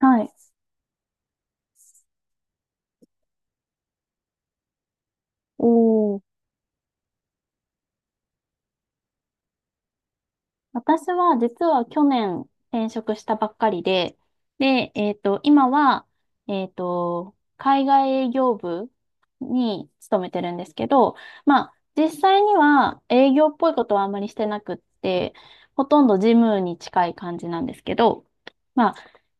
はい。お私は実は去年転職したばっかりで、今は、海外営業部に勤めてるんですけど、まあ、実際には営業っぽいことはあんまりしてなくって、ほとんど事務に近い感じなんですけど、まあ、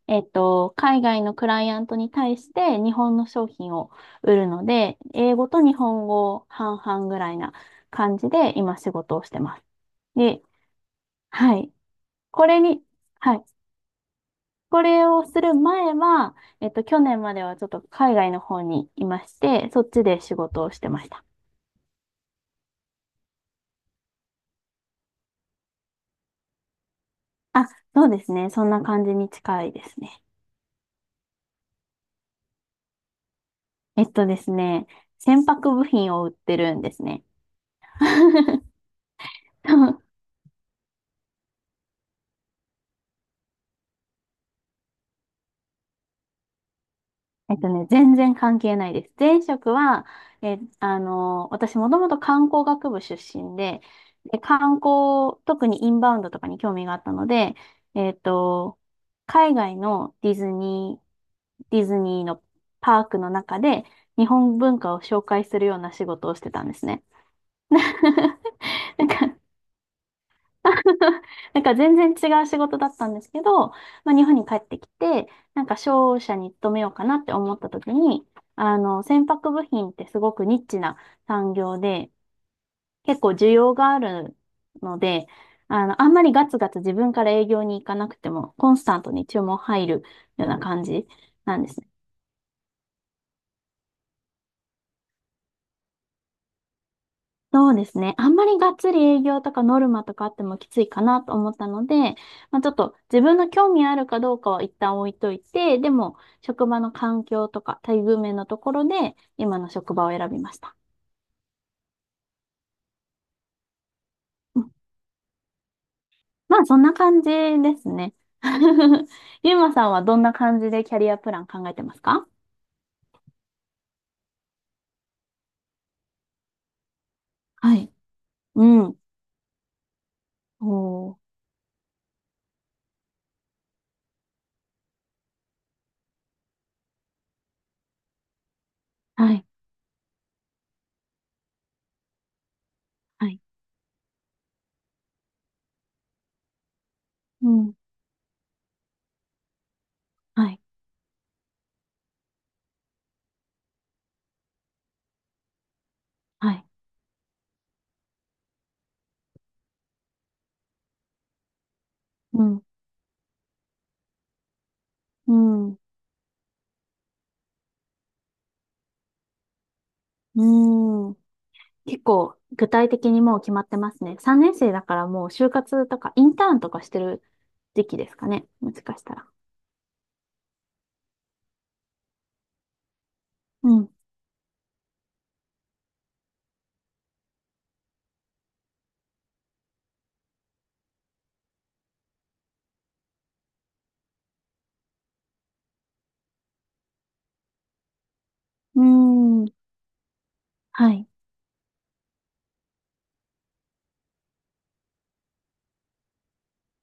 海外のクライアントに対して日本の商品を売るので、英語と日本語半々ぐらいな感じで今仕事をしてます。で、はい。これに、はい。これをする前は、去年まではちょっと海外の方にいまして、そっちで仕事をしてました。あ、そうですね。そんな感じに近いですね。えっとですね、船舶部品を売ってるんですね。えっとね、全然関係ないです。前職は、え、あの、私もともと観光学部出身で、で、観光、特にインバウンドとかに興味があったので、えっと、海外のディズニーのパークの中で日本文化を紹介するような仕事をしてたんですね。なんか なんか全然違う仕事だったんですけど、まあ、日本に帰ってきて、なんか商社に勤めようかなって思った時に、あの、船舶部品ってすごくニッチな産業で、結構需要があるので、あの、あんまりガツガツ自分から営業に行かなくても、コンスタントに注文入るような感じなんですね。そうですね。あんまりがっつり営業とかノルマとかあってもきついかなと思ったので、まあ、ちょっと自分の興味あるかどうかは一旦置いといて、でも職場の環境とか待遇面のところで今の職場を選びました。うん、まあそんな感じですね。ゆうまさんはどんな感じでキャリアプラン考えてますか？はい。うん。おー。はい。はい。うん。はい。はい。うん。うん。うん。結構具体的にもう決まってますね。3年生だからもう就活とかインターンとかしてる時期ですかね。もしかしたら。うん。うーん。はい。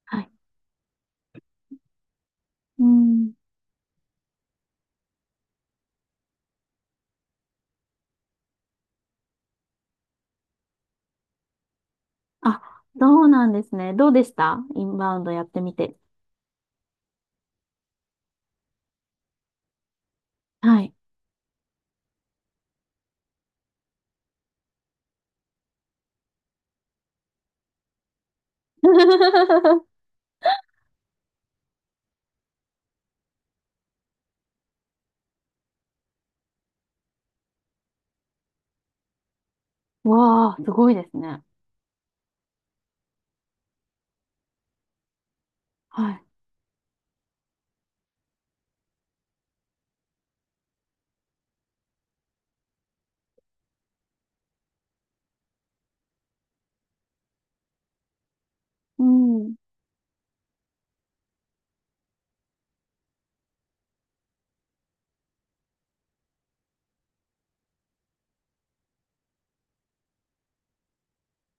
はい。うーん。あ、そうなんですね。どうでしたインバウンドやってみて。はい。わあ、すごいですね。はい。うん。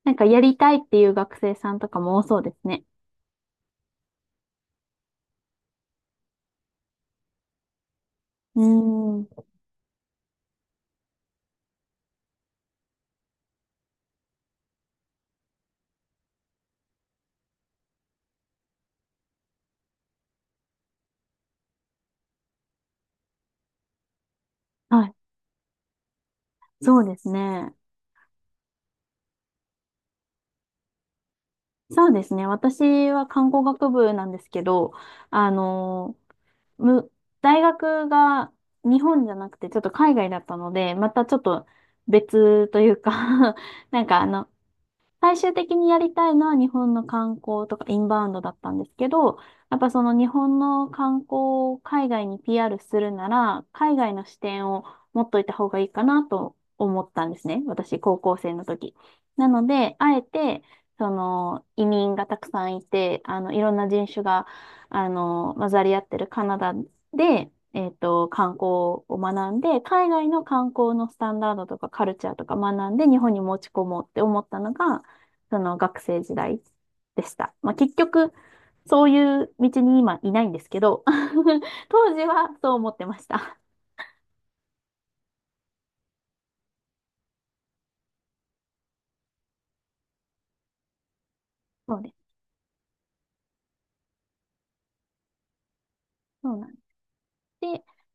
なんかやりたいっていう学生さんとかも多そうですね。うん。はい。そうですね。そうですね。私は看護学部なんですけど、あのむ、大学が日本じゃなくてちょっと海外だったので、またちょっと別というか なんかあの、最終的にやりたいのは日本の観光とかインバウンドだったんですけど、やっぱその日本の観光を海外に PR するなら、海外の視点を持っといた方がいいかなと思ったんですね。私、高校生の時。なので、あえて、その移民がたくさんいて、あの、いろんな人種が、あの、混ざり合ってるカナダで、観光を学んで、海外の観光のスタンダードとかカルチャーとか学んで、日本に持ち込もうって思ったのが、その学生時代でした。まあ、結局、そういう道に今いないんですけど、当時はそう思ってました。そうです。そうなんで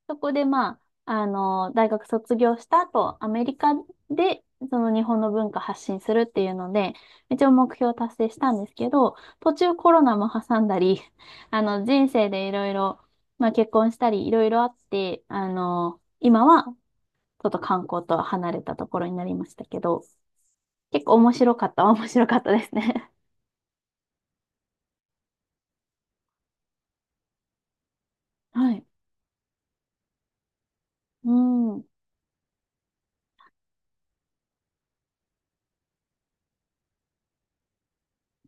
そこでまあ、あの、大学卒業した後、アメリカで、その日本の文化発信するっていうので、一応目標達成したんですけど、途中コロナも挟んだり、あの、人生でいろいろ、まあ結婚したりいろいろあって、あの、今はちょっと観光とは離れたところになりましたけど、結構面白かった。面白かったですね。はい。うん。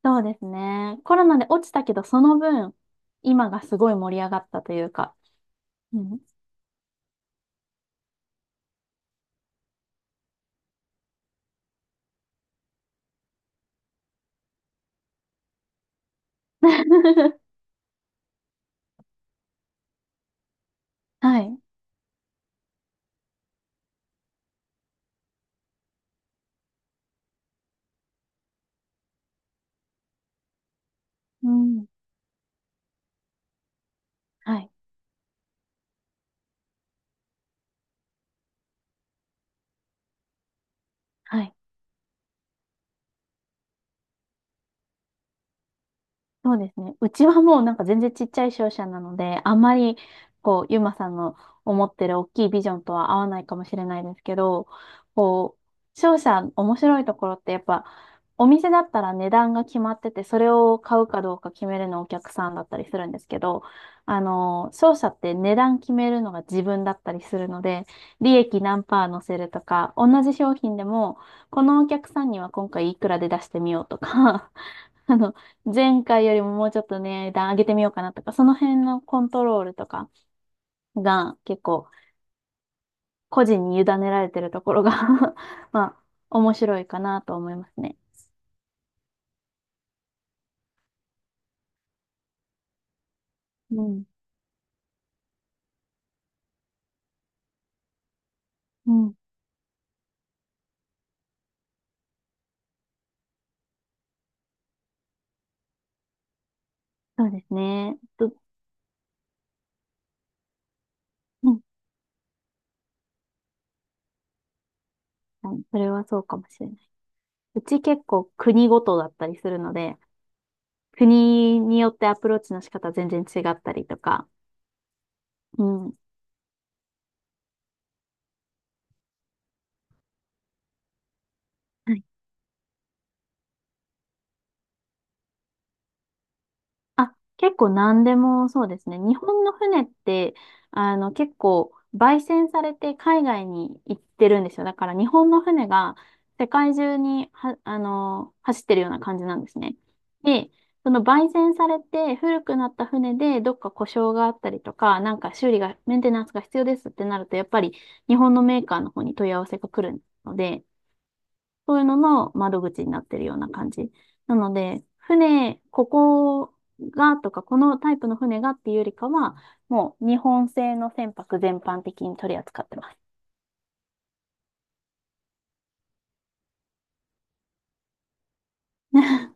そうですね。コロナで落ちたけど、その分、今がすごい盛り上がったというか。うん。はい。うん。はい。はい。そうですね。うちはもうなんか全然ちっちゃい商社なので、あんまりこう、ゆまさんの思ってる大きいビジョンとは合わないかもしれないですけど、こう、商社面白いところってやっぱ、お店だったら値段が決まってて、それを買うかどうか決めるのお客さんだったりするんですけど、あの、商社って値段決めるのが自分だったりするので、利益何パー乗せるとか、同じ商品でも、このお客さんには今回いくらで出してみようとか あの、前回よりももうちょっとね値段上げてみようかなとか、その辺のコントロールとかが結構個人に委ねられてるところが まあ、面白いかなと思いますね。うん。うん。そうですね。と、うん。はい、それはそうかもしれない。うち結構国ごとだったりするので、国によってアプローチの仕方全然違ったりとか、うん。はい。あ、結構何でもそうですね。日本の船って、あの、結構、焙煎されて海外に行ってるんですよ。だから日本の船が世界中には、あの、走ってるような感じなんですね。で、その焙煎されて古くなった船でどっか故障があったりとか、なんか修理が、メンテナンスが必要ですってなると、やっぱり日本のメーカーの方に問い合わせが来るので、そういうのの窓口になってるような感じ。なので、船、ここがとか、このタイプの船がっていうよりかは、もう日本製の船舶全般的に取り扱ってます。